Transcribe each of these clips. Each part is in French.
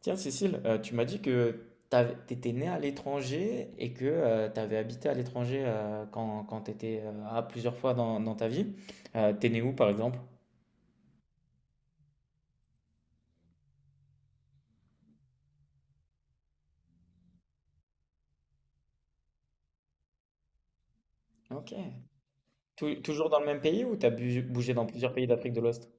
Tiens, Cécile, tu m'as dit que tu étais née à l'étranger et que tu avais habité à l'étranger quand tu étais plusieurs fois dans ta vie. T'es née où, par exemple? Ok. Toujours dans le même pays ou bougé dans plusieurs pays d'Afrique de l'Ouest?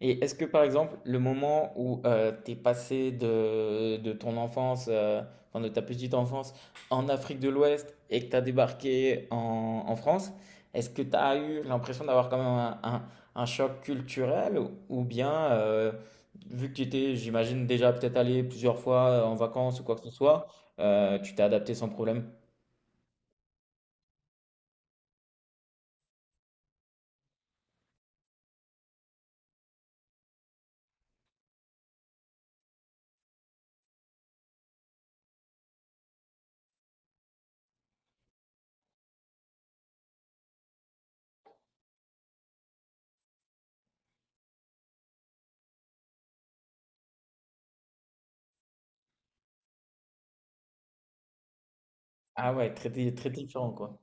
Et est-ce que par exemple, le moment où t'es passé de ton enfance, enfin de ta petite enfance, en Afrique de l'Ouest et que t'as débarqué en France, est-ce que t'as eu l'impression d'avoir quand même un choc culturel ou bien, vu que tu étais, j'imagine, déjà peut-être allé plusieurs fois en vacances ou quoi que ce soit, tu t'es adapté sans problème? Ah ouais, très, très différent quoi.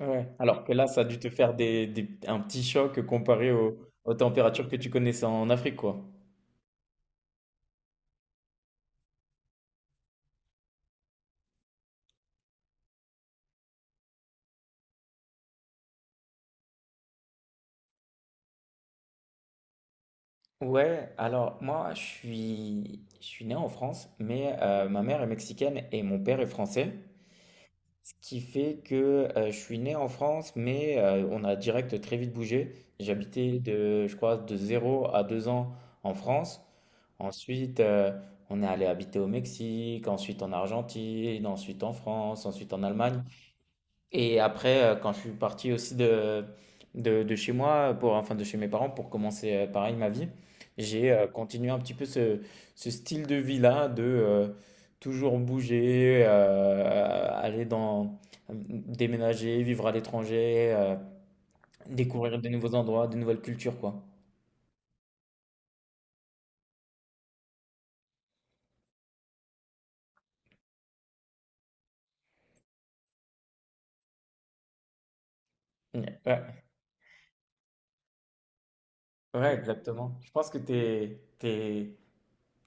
Ouais, alors que là, ça a dû te faire un petit choc comparé aux températures que tu connaissais en Afrique, quoi. Ouais, alors moi, je suis né en France, mais ma mère est mexicaine et mon père est français. Ce qui fait que je suis né en France, mais on a direct très vite bougé. J'habitais de, je crois, de 0 à 2 ans en France. Ensuite, on est allé habiter au Mexique, ensuite en Argentine, ensuite en France, ensuite en Allemagne. Et après, quand je suis parti aussi de chez moi, pour, enfin de chez mes parents, pour commencer pareil ma vie, j'ai continué un petit peu ce, ce style de vie-là, de toujours bouger, aller dans, déménager, vivre à l'étranger, découvrir de nouveaux endroits, de nouvelles cultures, quoi. Ouais, ouais, exactement. Je pense que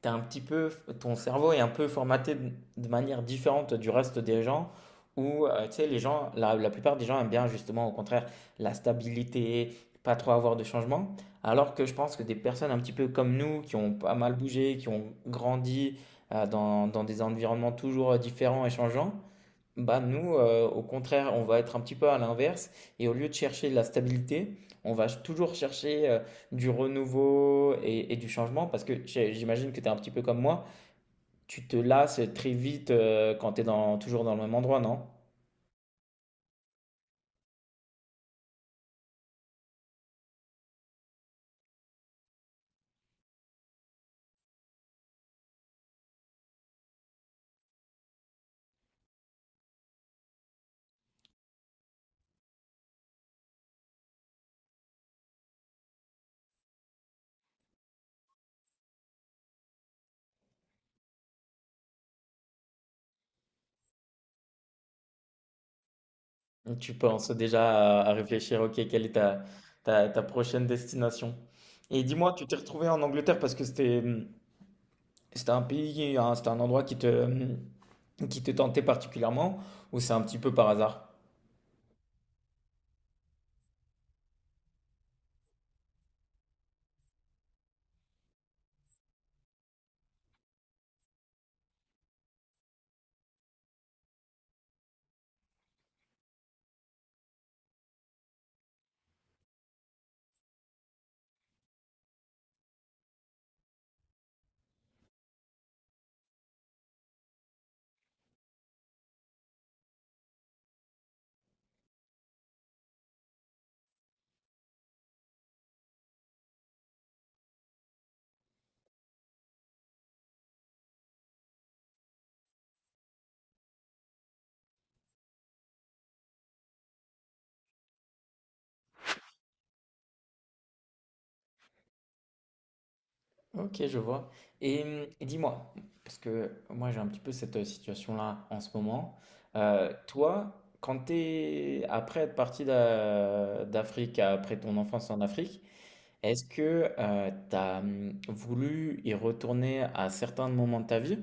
t'es un petit peu, ton cerveau est un peu formaté de manière différente du reste des gens, où tu sais, les gens, la plupart des gens aiment bien justement, au contraire, la stabilité, pas trop avoir de changement, alors que je pense que des personnes un petit peu comme nous, qui ont pas mal bougé, qui ont grandi dans des environnements toujours différents et changeants, bah nous, au contraire, on va être un petit peu à l'inverse et au lieu de chercher de la stabilité, on va toujours chercher du renouveau et du changement parce que j'imagine que tu es un petit peu comme moi, tu te lasses très vite quand tu es dans, toujours dans le même endroit, non? Tu penses déjà à réfléchir, ok, quelle est ta prochaine destination? Et dis-moi, tu t'es retrouvé en Angleterre parce que c'était c'était un pays, hein, c'était un endroit qui te tentait particulièrement ou c'est un petit peu par hasard? Ok, je vois. Et dis-moi, parce que moi j'ai un petit peu cette situation-là en ce moment. Toi, quand t'es après être parti d'Afrique, après ton enfance en Afrique, est-ce que t'as voulu y retourner à certains moments de ta vie?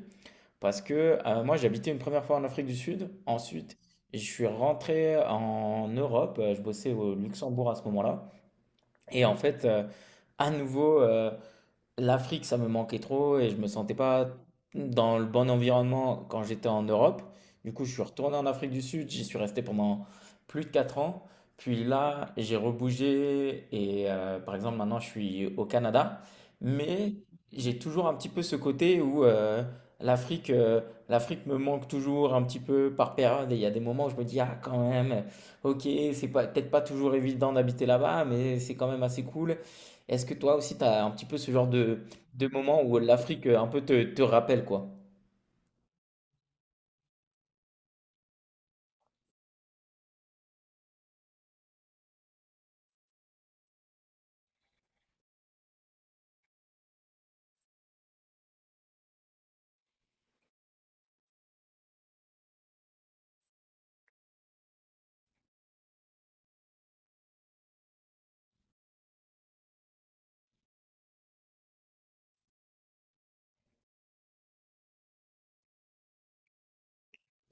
Parce que moi j'ai habité une première fois en Afrique du Sud, ensuite je suis rentré en Europe, je bossais au Luxembourg à ce moment-là, et en fait à nouveau. L'Afrique, ça me manquait trop et je me sentais pas dans le bon environnement quand j'étais en Europe. Du coup, je suis retourné en Afrique du Sud, j'y suis resté pendant plus de 4 ans. Puis là, j'ai rebougé et par exemple, maintenant, je suis au Canada. Mais j'ai toujours un petit peu ce côté où l'Afrique euh, l'Afrique me manque toujours un petit peu par période. Et il y a des moments où je me dis, ah, quand même, ok, c'est pas, peut-être pas toujours évident d'habiter là-bas, mais c'est quand même assez cool. Est-ce que toi aussi, tu as un petit peu ce genre de moment où l'Afrique un peu te rappelle quoi?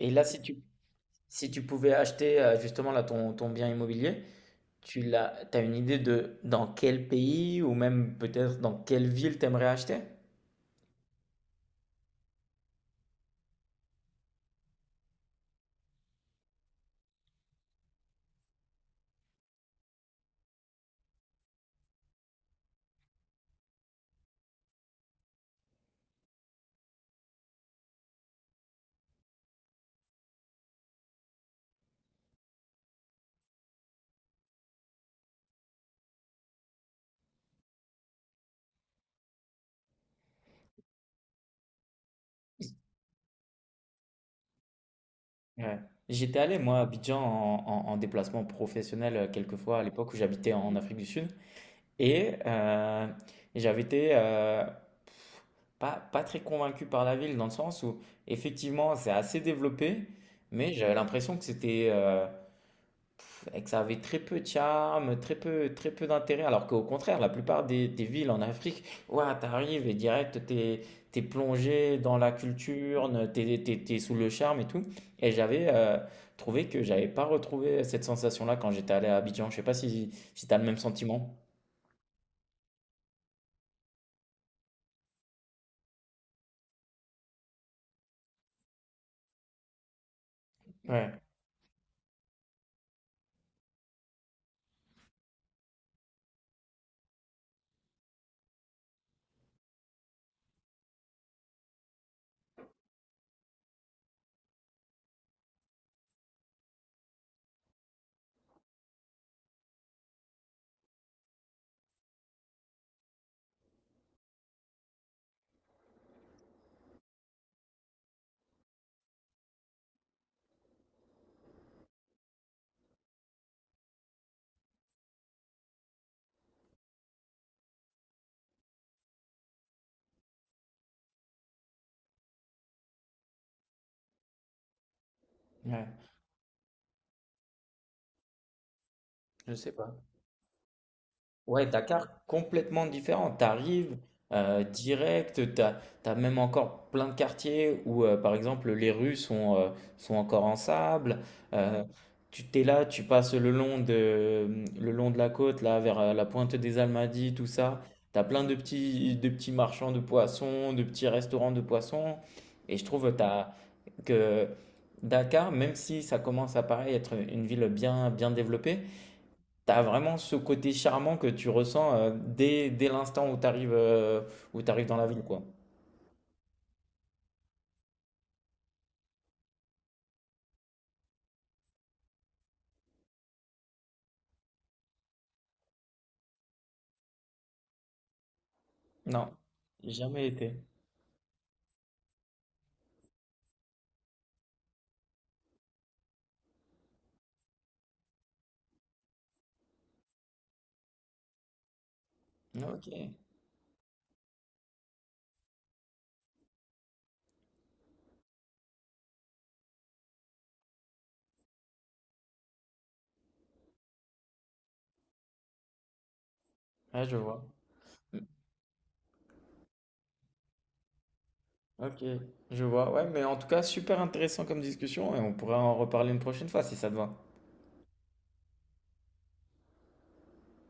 Et là, si tu pouvais acheter justement là, ton bien immobilier, t'as une idée de dans quel pays ou même peut-être dans quelle ville t'aimerais acheter? Ouais. J'étais allé, moi, à Abidjan en déplacement professionnel quelquefois à l'époque où j'habitais en Afrique du Sud. Et j'avais été pas, pas très convaincu par la ville, dans le sens où effectivement c'est assez développé, mais j'avais l'impression que c'était que ça avait très peu de charme, très peu d'intérêt, alors qu'au contraire, la plupart des villes en Afrique, ouah, t'arrives et direct, t'es, t'es plongé dans la culture, t'es, t'es, t'es sous le charme et tout. Et j'avais trouvé que j'avais pas retrouvé cette sensation-là quand j'étais allé à Abidjan. Je sais pas si, si t'as le même sentiment. Ouais, ouais. Je sais pas. Ouais, Dakar, complètement différent. T'arrives direct, t'as, t'as même encore plein de quartiers où, par exemple, les rues sont, sont encore en sable. Euh, Tu t'es là, tu passes le long de la côte, là, vers la pointe des Almadies, tout ça. T'as plein de petits marchands de poissons, de petits restaurants de poissons. Et je trouve t'as, que Dakar, même si ça commence à paraître être une ville bien, bien développée, t'as vraiment ce côté charmant que tu ressens dès, dès l'instant où t'arrives dans la ville, quoi. Non, jamais été. Ok, ah, je vois. Ok, je vois. Ouais, mais en tout cas, super intéressant comme discussion et on pourra en reparler une prochaine fois si ça te va.